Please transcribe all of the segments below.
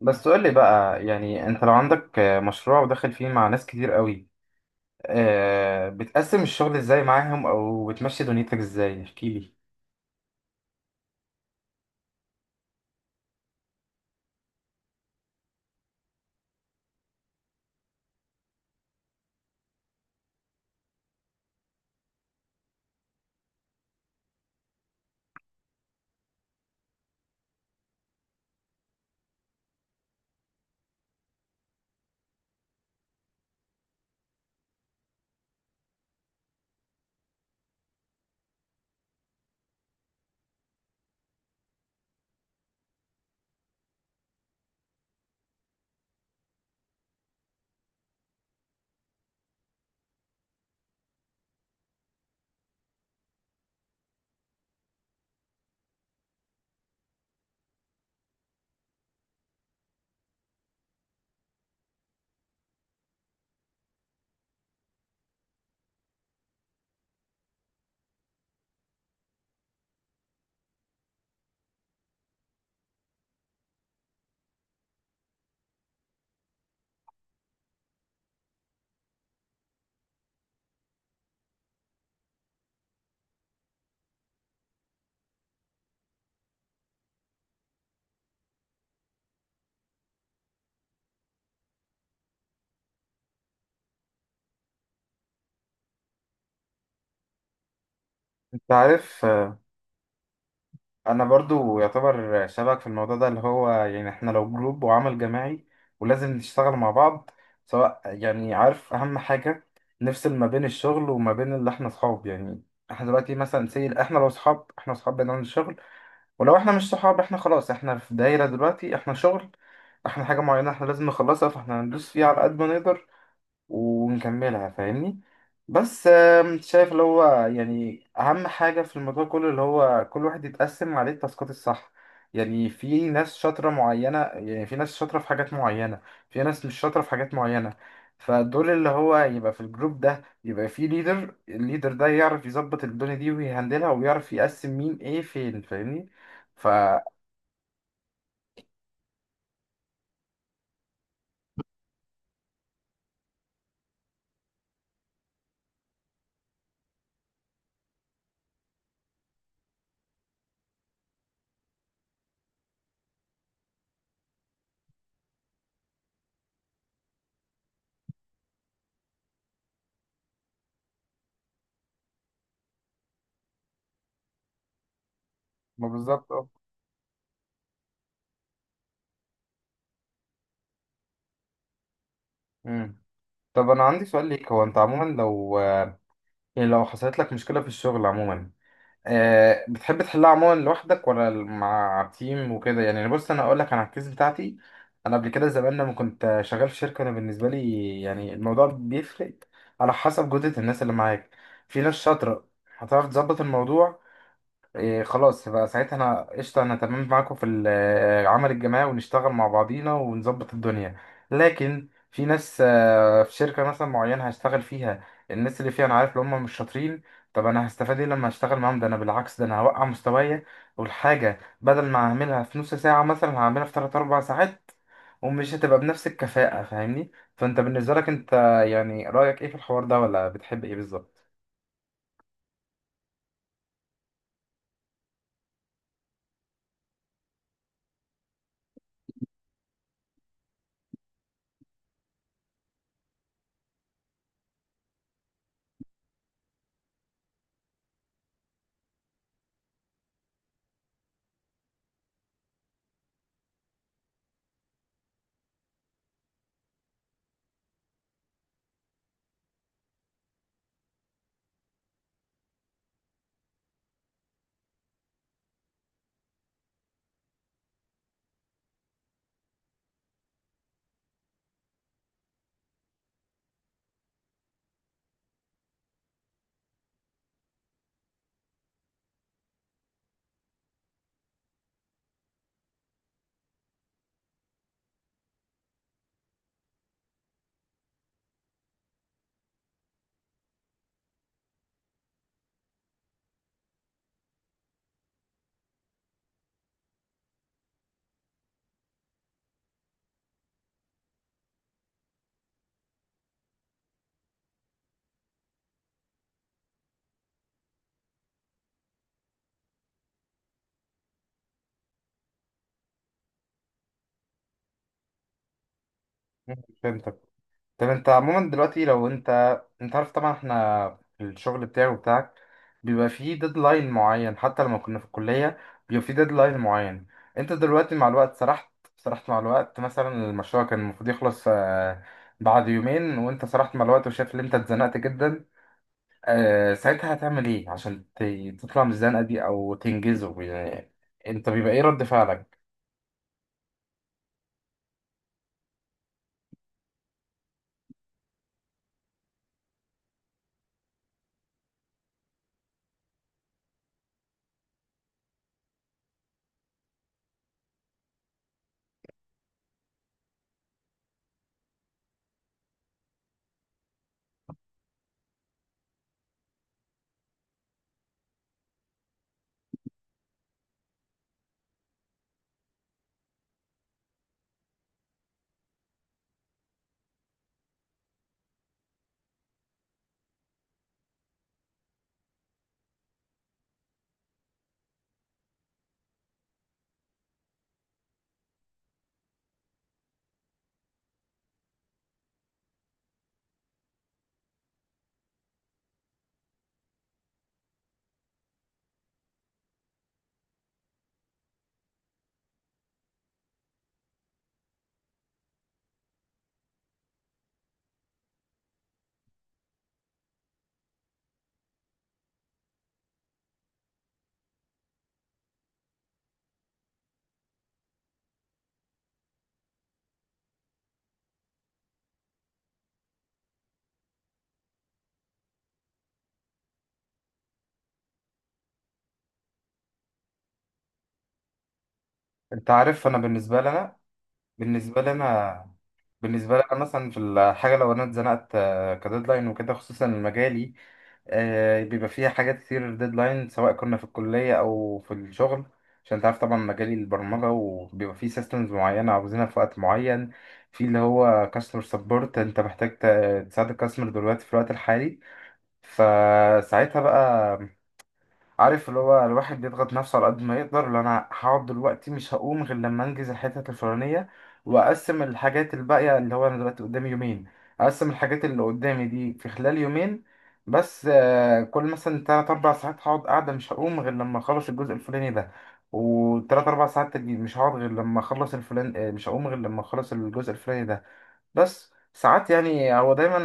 بس قول لي بقى، يعني انت لو عندك مشروع وداخل فيه مع ناس كتير قوي، بتقسم الشغل ازاي معاهم او بتمشي دنيتك ازاي؟ احكي لي. انت عارف، انا برضو يعتبر شبك في الموضوع ده، اللي هو يعني احنا لو جروب وعمل جماعي ولازم نشتغل مع بعض، سواء يعني عارف اهم حاجة نفصل ما بين الشغل وما بين اللي احنا اصحاب. يعني احنا دلوقتي مثلا، سي احنا لو اصحاب، احنا اصحاب بنعمل شغل، ولو احنا مش صحاب احنا خلاص، احنا في دايرة دلوقتي، احنا شغل، احنا حاجة معينة احنا لازم نخلصها، فاحنا هندوس فيها على قد ما نقدر ونكملها، فاهمني؟ بس شايف اللي هو يعني أهم حاجة في الموضوع كله اللي هو كل واحد يتقسم عليه التاسكات الصح. يعني في ناس شاطرة معينة، يعني في ناس شاطرة في حاجات معينة، في ناس مش شاطرة في حاجات معينة. فدول اللي هو يبقى في الجروب ده يبقى في ليدر، الليدر ده يعرف يظبط الدنيا دي ويهندلها ويعرف يقسم مين ايه فين، فاهمني؟ ف ما بالظبط، اه. مم. طب انا عندي سؤال ليك. هو انت عموما لو، يعني لو حصلت لك مشكلة في الشغل عموما، بتحب تحلها عموما لوحدك ولا مع تيم وكده؟ يعني بص انا اقول لك، انا الكيس بتاعتي، انا قبل كده زمان لما كنت شغال في شركه، انا بالنسبه لي يعني الموضوع بيفرق على حسب جوده الناس اللي معاك. في ناس شاطره هتعرف تظبط الموضوع، إيه خلاص بقى ساعتها انا قشطه، انا تمام معاكم في العمل الجماعي ونشتغل مع بعضينا ونظبط الدنيا. لكن في ناس في شركه مثلا معينه هشتغل فيها، الناس اللي فيها انا عارف ان هم مش شاطرين. طب انا هستفاد ايه لما هشتغل معاهم؟ ده انا بالعكس، ده انا هوقع مستوايا، والحاجه بدل ما هعملها في نص ساعه مثلا هعملها في 3 4 ساعات، ومش هتبقى بنفس الكفاءه، فاهمني؟ فانت بالنسبه لك، انت يعني رايك ايه في الحوار ده ولا بتحب ايه بالظبط؟ مم، فهمتك. طب انت عموما دلوقتي لو انت عارف طبعا احنا في الشغل بتاعي وبتاعك بيبقى فيه ديدلاين معين، حتى لما كنا في الكلية بيبقى فيه ديدلاين معين. انت دلوقتي مع الوقت سرحت مع الوقت، مثلا المشروع كان المفروض يخلص بعد يومين وانت سرحت مع الوقت وشايف ان انت اتزنقت جدا. ساعتها هتعمل ايه عشان تطلع من الزنقة دي او تنجزه يعني؟ انت بيبقى ايه رد فعلك؟ انت عارف، انا بالنسبة لنا، بالنسبة لي أنا، بالنسبة لي أنا مثلا في الحاجة لو أنا اتزنقت كديدلاين وكده، خصوصا مجالي بيبقى فيها حاجات كتير ديدلاين، سواء كنا في الكلية أو في الشغل، عشان أنت عارف طبعا مجالي البرمجة وبيبقى فيه سيستمز معينة عاوزينها في وقت معين، في اللي هو كاستمر سبورت، أنت محتاج تساعد الكاستمر دلوقتي في الوقت الحالي. فساعتها بقى، عارف اللي هو الواحد بيضغط نفسه على قد ما يقدر، اللي انا هقعد دلوقتي مش هقوم غير لما انجز الحتت الفلانيه، واقسم الحاجات الباقيه، اللي هو انا دلوقتي قدامي يومين، اقسم الحاجات اللي قدامي دي في خلال يومين. بس كل مثلا تلات أربع ساعات هقعد قاعدة مش هقوم غير لما أخلص الجزء الفلاني ده، وتلات أربع ساعات تاني مش هقعد غير لما أخلص الفلان، مش هقوم غير لما أخلص الجزء الفلاني ده. بس ساعات يعني هو دايما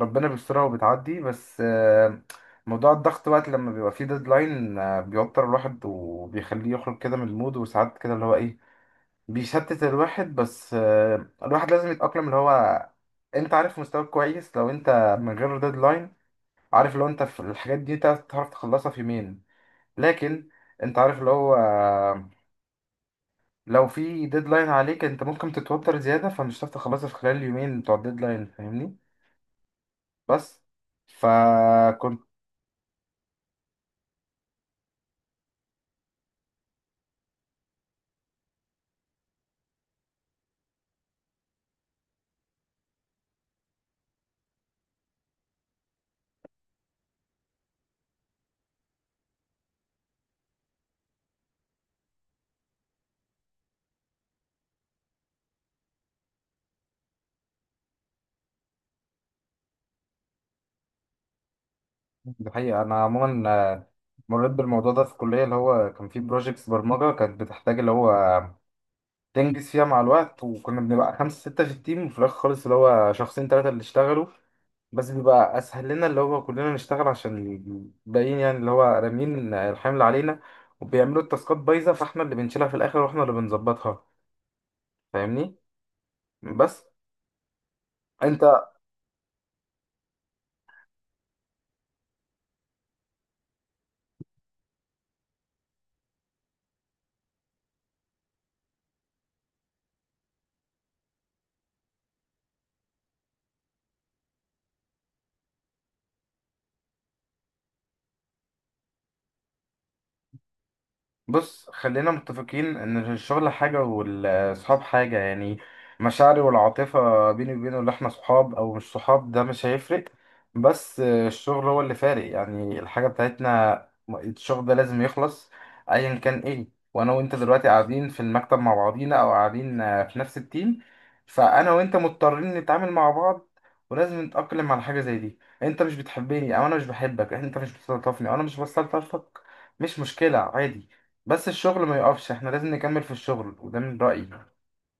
ربنا بيسترها وبتعدي. بس موضوع الضغط بقى لما بيبقى فيه ديدلاين بيوتر الواحد وبيخليه يخرج كده من المود، وساعات كده اللي هو ايه، بيشتت الواحد. بس الواحد لازم يتأقلم، اللي هو انت عارف مستواك كويس لو انت من غير ديدلاين، عارف لو انت في الحاجات دي تعرف تخلصها في يومين، لكن انت عارف اللي هو لو في ديدلاين عليك، انت ممكن تتوتر زيادة فمش هتعرف تخلصها في خلال اليومين بتوع الديدلاين، فاهمني؟ بس فكنت. الحقيقة أنا عموما مريت بالموضوع ده في الكلية، اللي هو كان فيه بروجيكتس برمجة كانت بتحتاج اللي هو تنجز فيها مع الوقت، وكنا بنبقى خمسة ستة في التيم، وفي الآخر خالص اللي هو شخصين تلاتة اللي اشتغلوا. بس بيبقى أسهل لنا اللي هو كلنا نشتغل، عشان الباقيين يعني اللي هو رامين الحمل علينا وبيعملوا التاسكات بايظة، فاحنا اللي بنشيلها في الآخر واحنا اللي بنظبطها، فاهمني؟ بس انت، بص خلينا متفقين ان الشغل حاجة والصحاب حاجة. يعني مشاعري والعاطفة بيني وبينه اللي احنا صحاب او مش صحاب ده مش هيفرق، بس الشغل هو اللي فارق. يعني الحاجة بتاعتنا، الشغل ده لازم يخلص ايا كان ايه. وانا وانت دلوقتي قاعدين في المكتب مع بعضينا او قاعدين في نفس التيم، فانا وانت مضطرين نتعامل مع بعض، ولازم نتأقلم على حاجة زي دي. انت مش بتحبني او انا مش بحبك، انت مش بتستلطفني او انا مش بستلطفك، مش مشكلة، عادي. بس الشغل ما يقفش، احنا لازم نكمل في الشغل، وده من رأيي.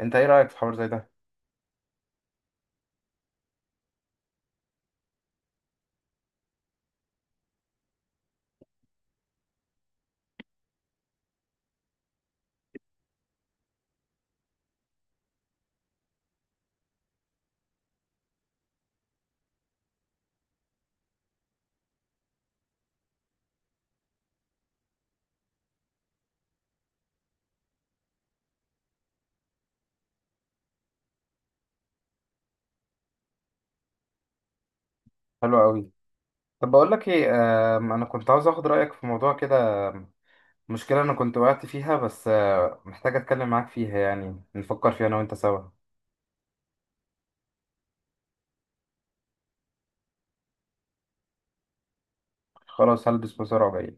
انت ايه رأيك في حوار زي ده؟ حلو قوي. طب بقول لك ايه، انا كنت عاوز اخد رأيك في موضوع كده، مشكلة انا كنت وقعت فيها، بس محتاج اتكلم معاك فيها، يعني نفكر فيها انا وانت سوا. خلاص هلبس بسرعة وجاي.